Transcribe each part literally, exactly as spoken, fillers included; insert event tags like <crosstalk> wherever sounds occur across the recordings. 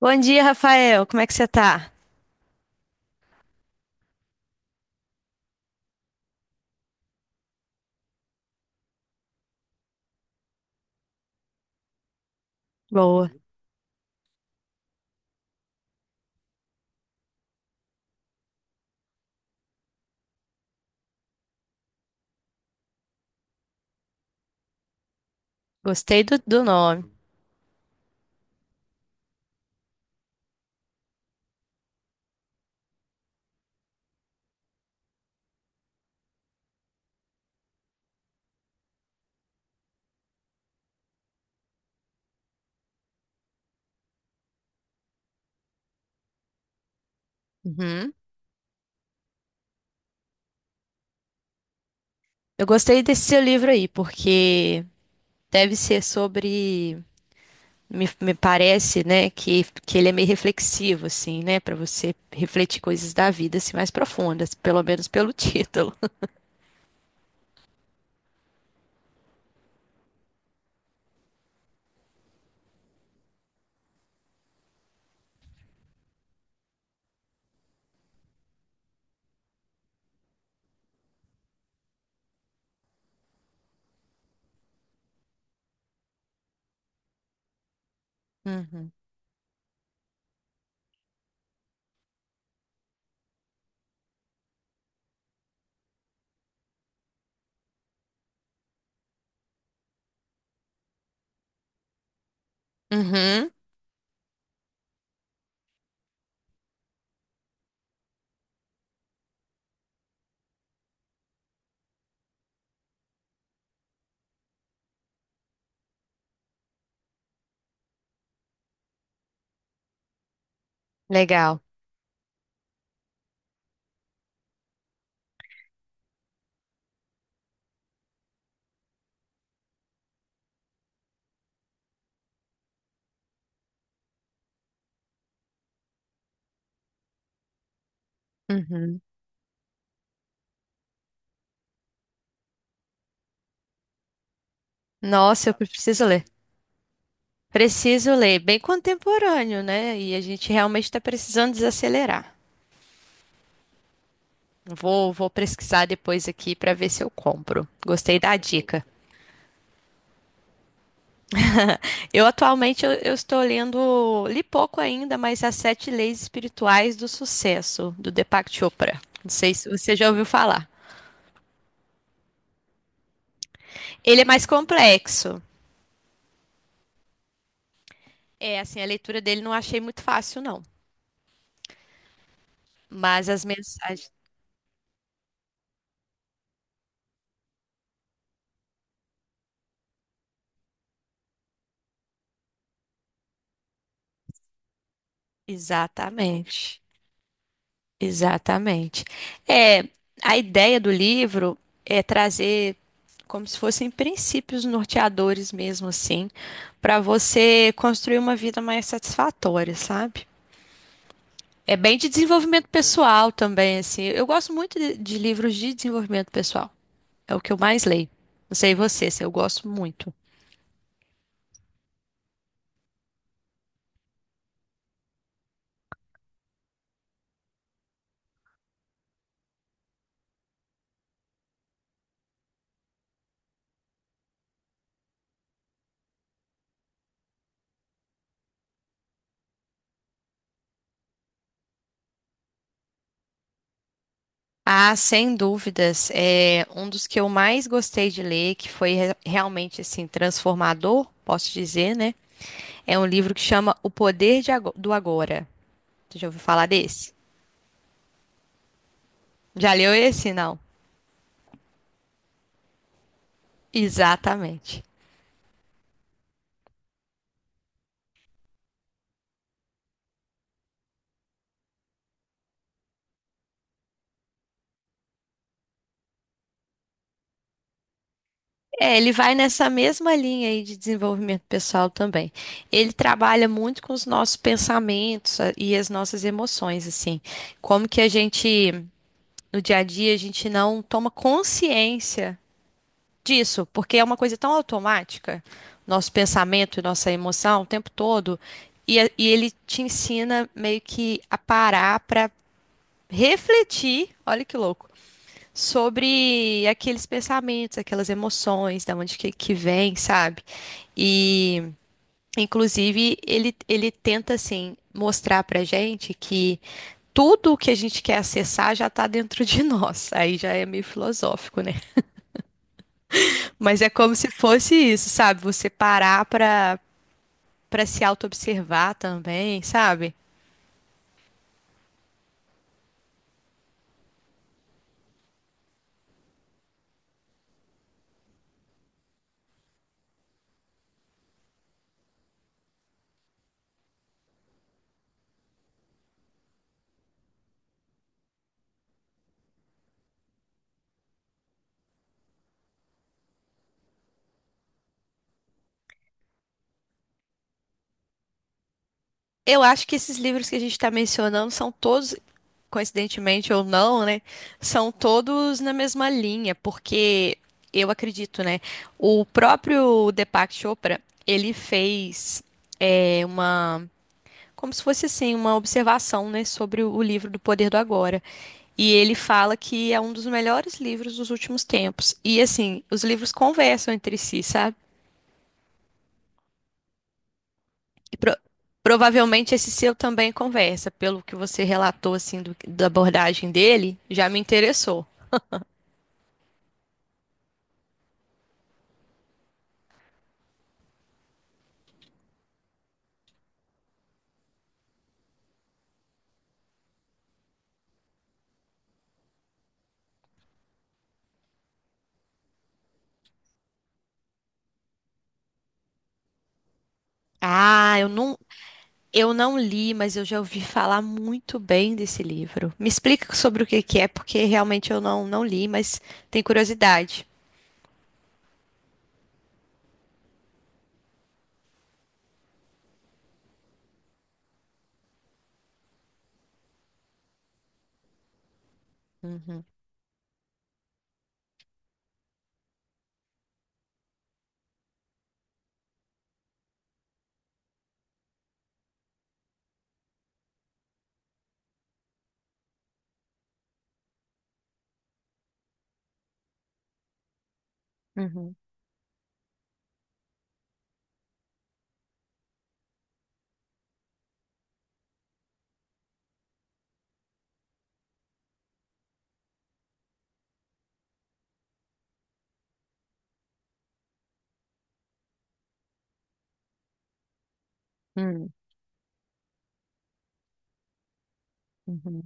Bom dia, Rafael. Como é que você tá? Boa. Gostei do, do nome. Uhum. Eu gostei desse seu livro aí, porque deve ser sobre. Me, me parece, né, que, que ele é meio reflexivo, assim, né, para você refletir coisas da vida assim, mais profundas, pelo menos pelo <laughs> título. Uhum. Uhum. Legal. Uhum. Nossa, eu preciso ler. Preciso ler. Bem contemporâneo, né? E a gente realmente está precisando desacelerar. Vou, vou pesquisar depois aqui para ver se eu compro. Gostei da dica. Eu atualmente eu, eu estou lendo, li pouco ainda, mas As Sete Leis Espirituais do Sucesso, do Deepak Chopra. Não sei se você já ouviu falar. Ele é mais complexo. É, assim, a leitura dele não achei muito fácil, não. Mas as mensagens. Exatamente. Exatamente. É, a ideia do livro é trazer como se fossem princípios norteadores mesmo assim, para você construir uma vida mais satisfatória, sabe? É bem de desenvolvimento pessoal também, assim. Eu gosto muito de, de livros de desenvolvimento pessoal. É o que eu mais leio. Não sei você, assim, eu gosto muito. Ah, sem dúvidas, é um dos que eu mais gostei de ler, que foi re- realmente assim transformador, posso dizer, né? É um livro que chama O Poder de Ago- do Agora. Você já ouviu falar desse? Já leu esse? Não. Exatamente. É, ele vai nessa mesma linha aí de desenvolvimento pessoal também. Ele trabalha muito com os nossos pensamentos a- e as nossas emoções, assim. Como que a gente, no dia a dia, a gente não toma consciência disso, porque é uma coisa tão automática, nosso pensamento e nossa emoção o tempo todo, e, a- e ele te ensina meio que a parar para refletir, olha que louco, sobre aqueles pensamentos, aquelas emoções, da onde que, que vem, sabe? E, inclusive, ele, ele tenta, assim, mostrar pra gente que tudo o que a gente quer acessar já tá dentro de <laughs> nós. Aí já é meio filosófico, né? Mas é como se fosse isso, sabe? Você parar pra, pra se auto-observar também, sabe? Eu acho que esses livros que a gente está mencionando são todos, coincidentemente ou não, né, são todos na mesma linha, porque eu acredito, né, o próprio Deepak Chopra, ele fez é, uma, como se fosse assim, uma observação, né, sobre o livro do Poder do Agora, e ele fala que é um dos melhores livros dos últimos tempos, e assim, os livros conversam entre si, sabe? E pro- Provavelmente esse seu também conversa, pelo que você relatou assim do- da abordagem dele, já me interessou. Ah, eu não. Eu não li, mas eu já ouvi falar muito bem desse livro. Me explica sobre o que que é, porque realmente eu não, não li, mas tenho curiosidade. Uhum, uhum, uhum.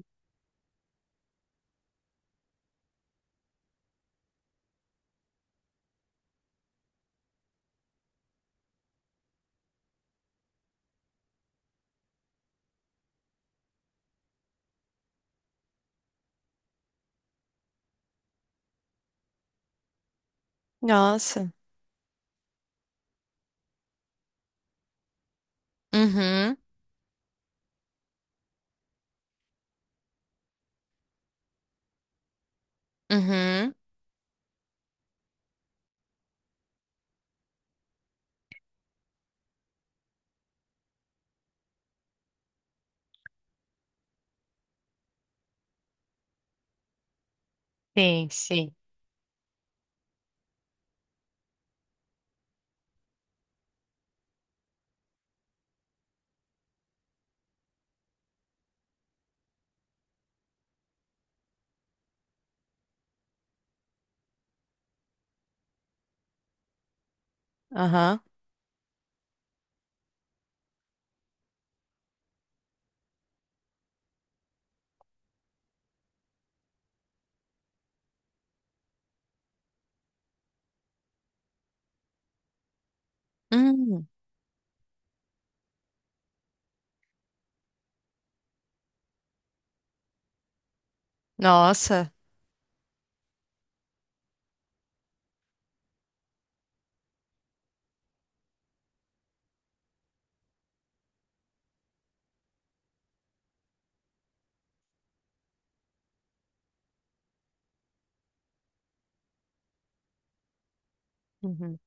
Nossa. Uhum, uhum. Sim, sim. Aham. Hum, nossa, uhum.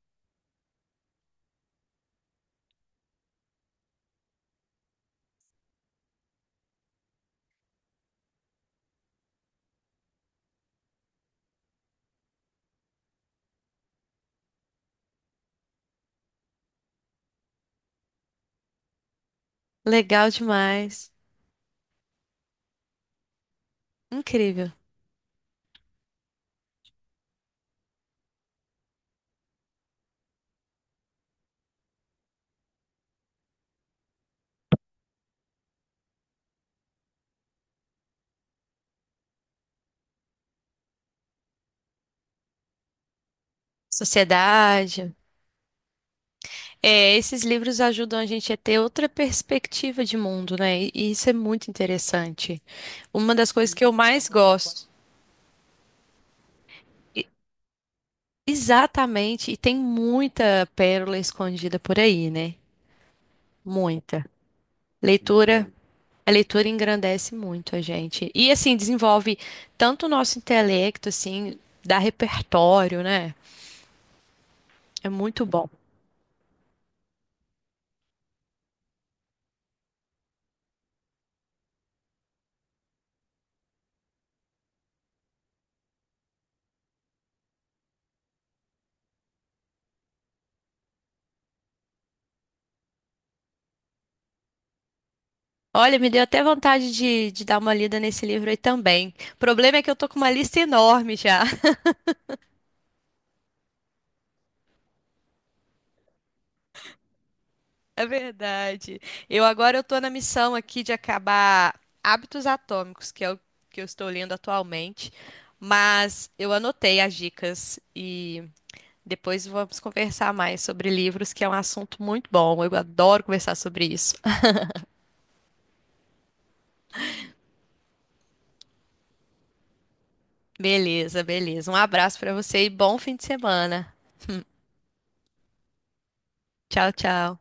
Legal demais. Incrível. Sociedade. É, esses livros ajudam a gente a ter outra perspectiva de mundo, né? E e isso é muito interessante. Uma das coisas que eu mais gosto. Exatamente, e tem muita pérola escondida por aí, né? Muita. Leitura, uhum, a leitura engrandece muito a gente. E assim, desenvolve tanto o nosso intelecto, assim, dá repertório, né? É muito bom. Olha, me deu até vontade de, de dar uma lida nesse livro aí também. O problema é que eu tô com uma lista enorme já. É verdade. Eu agora eu tô na missão aqui de acabar Hábitos Atômicos, que é o que eu estou lendo atualmente, mas eu anotei as dicas e depois vamos conversar mais sobre livros, que é um assunto muito bom. Eu adoro conversar sobre isso. <laughs> Beleza, beleza. Um abraço para você e bom fim de semana. Tchau, tchau.